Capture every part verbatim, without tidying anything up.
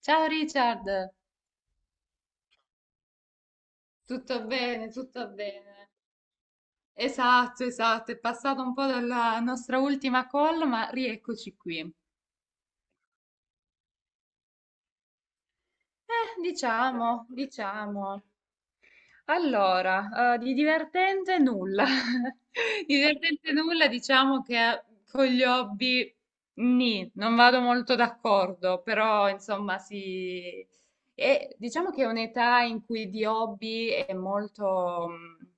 Ciao Richard, tutto bene, tutto bene. Esatto, esatto, è passato un po' dalla nostra ultima call, ma rieccoci qui. Eh, diciamo, diciamo. Allora, eh, di divertente nulla. Di divertente nulla, diciamo che eh, con gli hobby nì, non vado molto d'accordo, però insomma sì. E diciamo che è un'età in cui di hobby è molto... mh,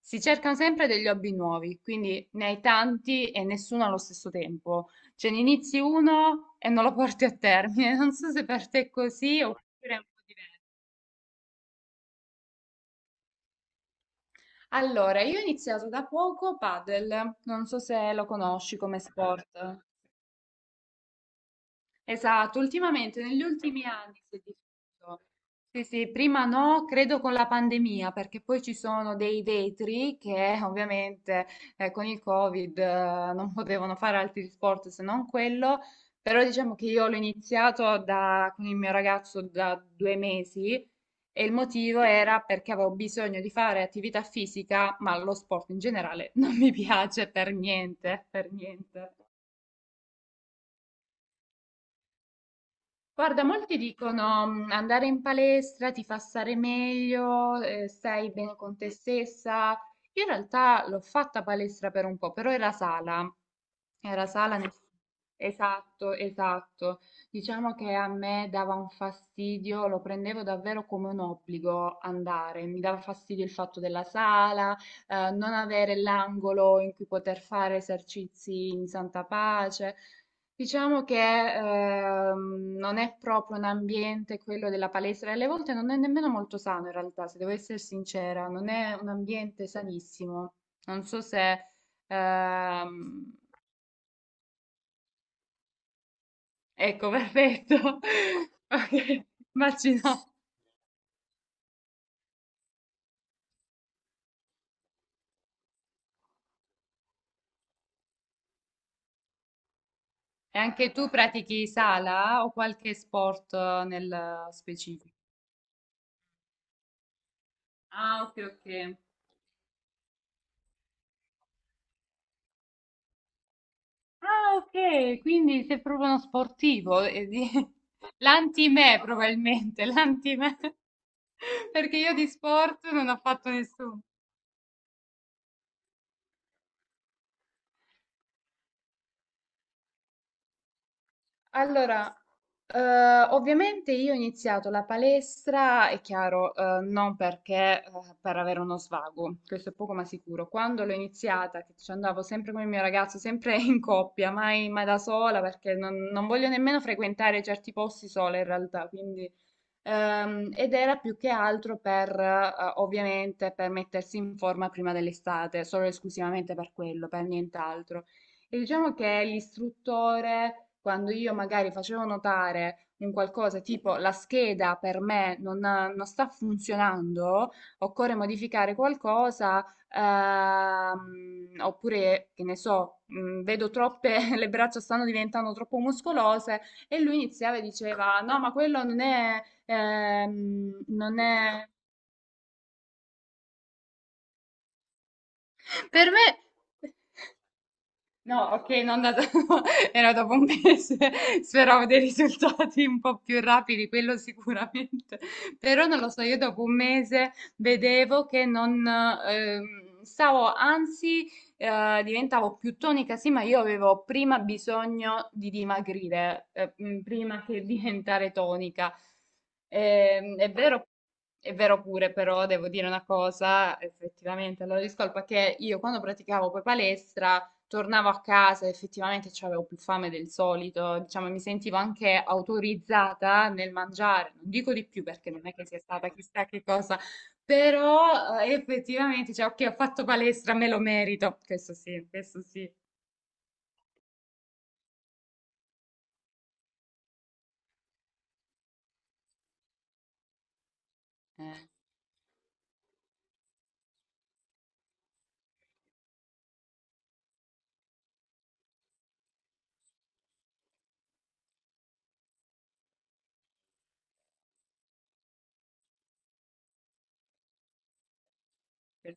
si cercano sempre degli hobby nuovi, quindi ne hai tanti e nessuno allo stesso tempo. Cioè ne inizi uno e non lo porti a termine. Non so se per te è così oppure è un po' diverso. Allora, io ho iniziato da poco padel, non so se lo conosci come sport. Esatto, ultimamente negli ultimi anni si è diffuso. Sì, sì, prima no, credo con la pandemia, perché poi ci sono dei vetri che ovviamente eh, con il Covid eh, non potevano fare altri sport se non quello, però diciamo che io l'ho iniziato da- con il mio ragazzo da due mesi e il motivo era perché avevo bisogno di fare attività fisica, ma lo sport in generale non mi piace per niente, per niente. Guarda, molti dicono: "Mm, andare in palestra ti fa stare meglio, eh, stai bene con te stessa." Io in realtà l'ho fatta palestra per un po', però era sala. Era sala, nel- esatto, esatto. Diciamo che a me dava un fastidio, lo prendevo davvero come un obbligo andare. Mi dava fastidio il fatto della sala, eh, non avere l'angolo in cui poter fare esercizi in santa pace. Diciamo che ehm, non è proprio un ambiente quello della palestra e alle volte non è nemmeno molto sano in realtà, se devo essere sincera, non è un ambiente sanissimo. Non so se... ehm, Ecco, perfetto. Ok, immagino. E anche tu pratichi sala o qualche sport eh, nel specifico? Ah, ok, ok. Ah, ok, quindi sei proprio uno sportivo. eh, di- L'anti-me probabilmente, l'anti-me. Perché io di sport non ho fatto nessuno. Allora, eh, ovviamente io ho iniziato la palestra, è chiaro, eh, non perché, eh, per avere uno svago, questo è poco ma sicuro. Quando l'ho iniziata, che ci andavo sempre con il mio ragazzo, sempre in coppia, mai, mai da sola, perché non, non voglio nemmeno frequentare certi posti sola in realtà, quindi, ehm, ed era più che altro per, eh, ovviamente, per mettersi in forma prima dell'estate, solo e esclusivamente per quello, per nient'altro. E diciamo che l'istruttore, quando io magari facevo notare un qualcosa tipo la scheda per me non, ha- non sta funzionando, occorre modificare qualcosa, ehm, oppure che ne so, mh, vedo troppe, le braccia stanno diventando troppo muscolose, e lui iniziava e diceva: "No, ma quello non è, ehm, non è." Per me. No, ok, non da... era dopo un mese, speravo dei risultati un po' più rapidi, quello sicuramente, però non lo so, io dopo un mese vedevo che non ehm, stavo, anzi eh, diventavo più tonica, sì, ma io avevo prima bisogno di dimagrire, eh, mm, prima che diventare tonica. Ehm, è vero, è vero pure, però devo dire una cosa, effettivamente, allora discolpa che io quando praticavo poi palestra tornavo a casa, effettivamente avevo più fame del solito, diciamo, mi sentivo anche autorizzata nel mangiare, non dico di più perché non è che sia stata chissà che cosa, però eh, effettivamente, cioè, ok, ho fatto palestra, me lo merito, questo sì, questo sì, eh, que-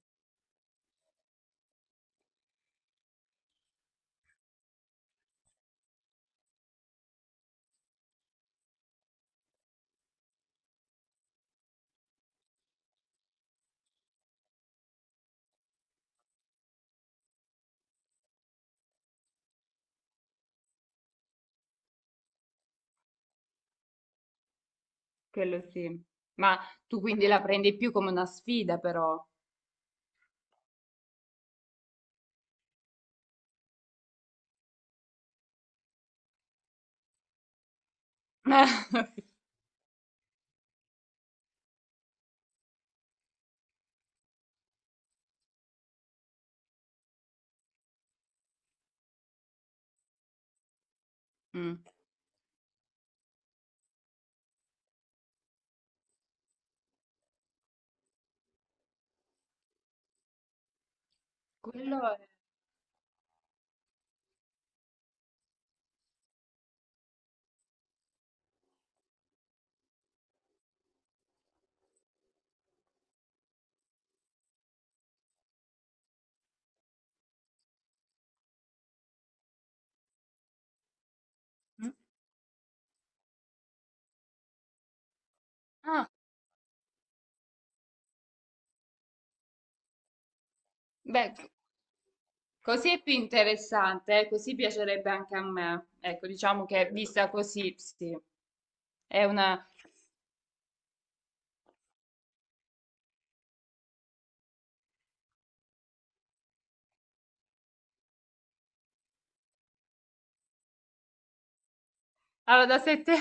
quello sì, ma tu quindi la prendi più come una sfida però. Mm. Quello è... Mm. Ah. Beh, così è più interessante, eh, così piacerebbe anche a me. Ecco, diciamo che vista così, sì, è una... Allora, da sette...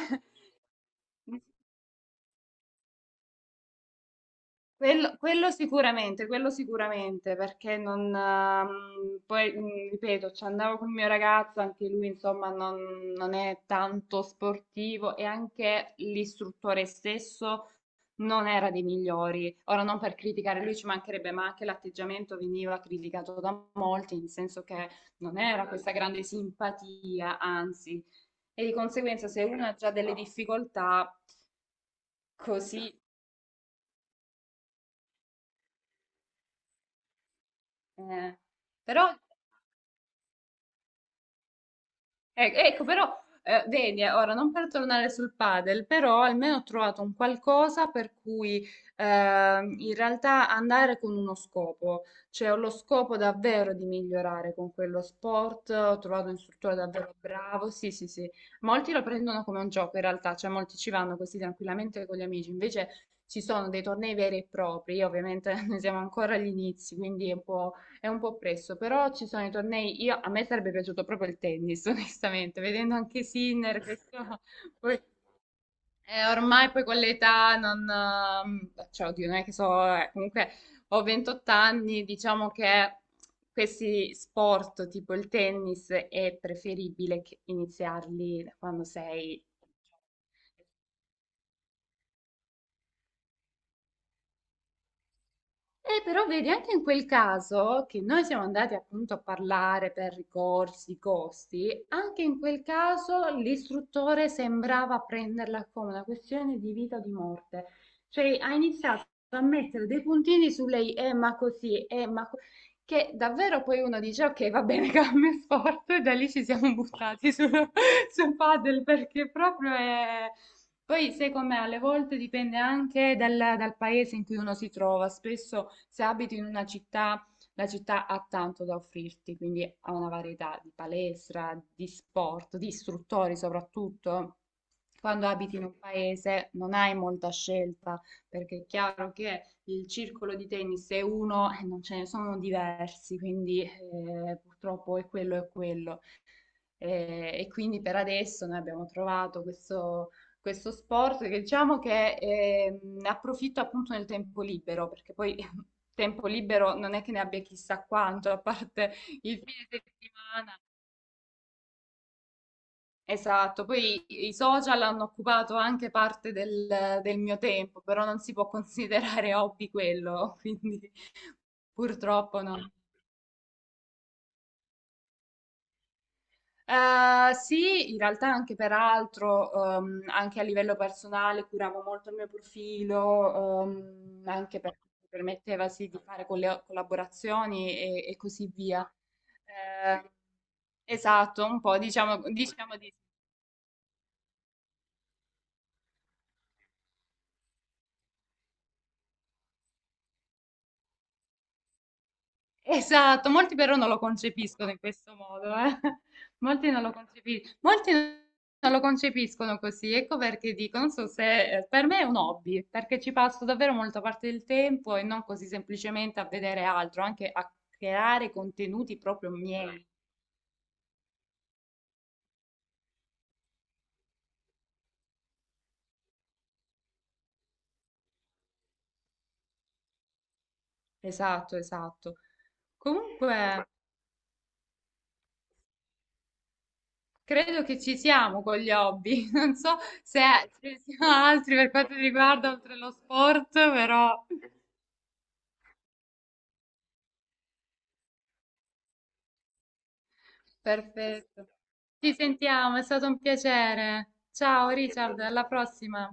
Quello, quello sicuramente, quello sicuramente, perché non... ehm, poi, mm, ripeto, ci andavo con il mio ragazzo, anche lui, insomma, non, non è tanto sportivo e anche l'istruttore stesso non era dei migliori. Ora non per criticare lui ci mancherebbe, ma anche l'atteggiamento veniva criticato da molti, nel senso che non era questa grande simpatia, anzi, e di conseguenza se uno ha già delle difficoltà così, eh. Però Ec- Ecco, però, eh, vedi, eh, ora non per tornare sul padel, però almeno ho trovato un qualcosa per cui ehm, in realtà andare con uno scopo, cioè ho lo scopo davvero di migliorare con quello sport, ho trovato un istruttore davvero bravo, sì, sì, sì, molti lo prendono come un gioco in realtà, cioè molti ci vanno così tranquillamente con gli amici, invece ci sono dei tornei veri e propri, io ovviamente ne siamo ancora agli inizi, quindi è un po'... È un po' presto, però ci sono i tornei. Io, a me sarebbe piaciuto proprio il tennis, onestamente, vedendo anche Sinner, questo, poi, eh, ormai poi con l'età non... ehm, Cioè, oddio, non è che so, eh, comunque ho ventotto anni, diciamo che questi sport tipo il tennis è preferibile che iniziarli da quando sei... Eh, però vedi, anche in quel caso che noi siamo andati appunto a parlare per ricorsi, costi, anche in quel caso l'istruttore sembrava prenderla come una questione di vita o di morte. Cioè ha iniziato a mettere dei puntini su lei, eh ma così, eh ma... co-", che davvero poi uno dice, ok, va bene, cambio sport, e da lì ci siamo buttati sul, sul padel perché proprio è... Poi, sai com'è, alle volte dipende anche dal, dal paese in cui uno si trova. Spesso, se abiti in una città, la città ha tanto da offrirti, quindi ha una varietà di palestra, di sport, di istruttori soprattutto. Quando abiti in un paese non hai molta scelta, perché è chiaro che il circolo di tennis è uno e non ce ne sono diversi, quindi eh, purtroppo è quello e quello. Eh, e quindi per adesso noi abbiamo trovato questo, questo sport che diciamo che eh, ne approfitta appunto nel tempo libero, perché poi tempo libero non è che ne abbia chissà quanto, a parte il fine settimana. Esatto, poi i social hanno occupato anche parte del, del mio tempo, però non si può considerare hobby quello, quindi purtroppo no. Ehm, sì, in realtà anche per altro, uhm, anche a livello personale curavo molto il mio profilo, uhm, anche perché mi permetteva sì di fare colle collaborazioni e e così via. Ehm, esatto, un po' diciamo diciamo di... Esatto, molti però non lo concepiscono in questo modo, eh. Molti non lo concepiscono, molti non lo concepiscono così, ecco perché dico, non so se eh, per me è un hobby, perché ci passo davvero molta parte del tempo e non così semplicemente a vedere altro, anche a creare contenuti proprio miei. Esatto, esatto. Comunque, credo che ci siamo con gli hobby, non so se ce ne siano altri per quanto riguarda oltre lo sport, però... Perfetto. Ci sentiamo, è stato un piacere. Ciao Richard, alla prossima.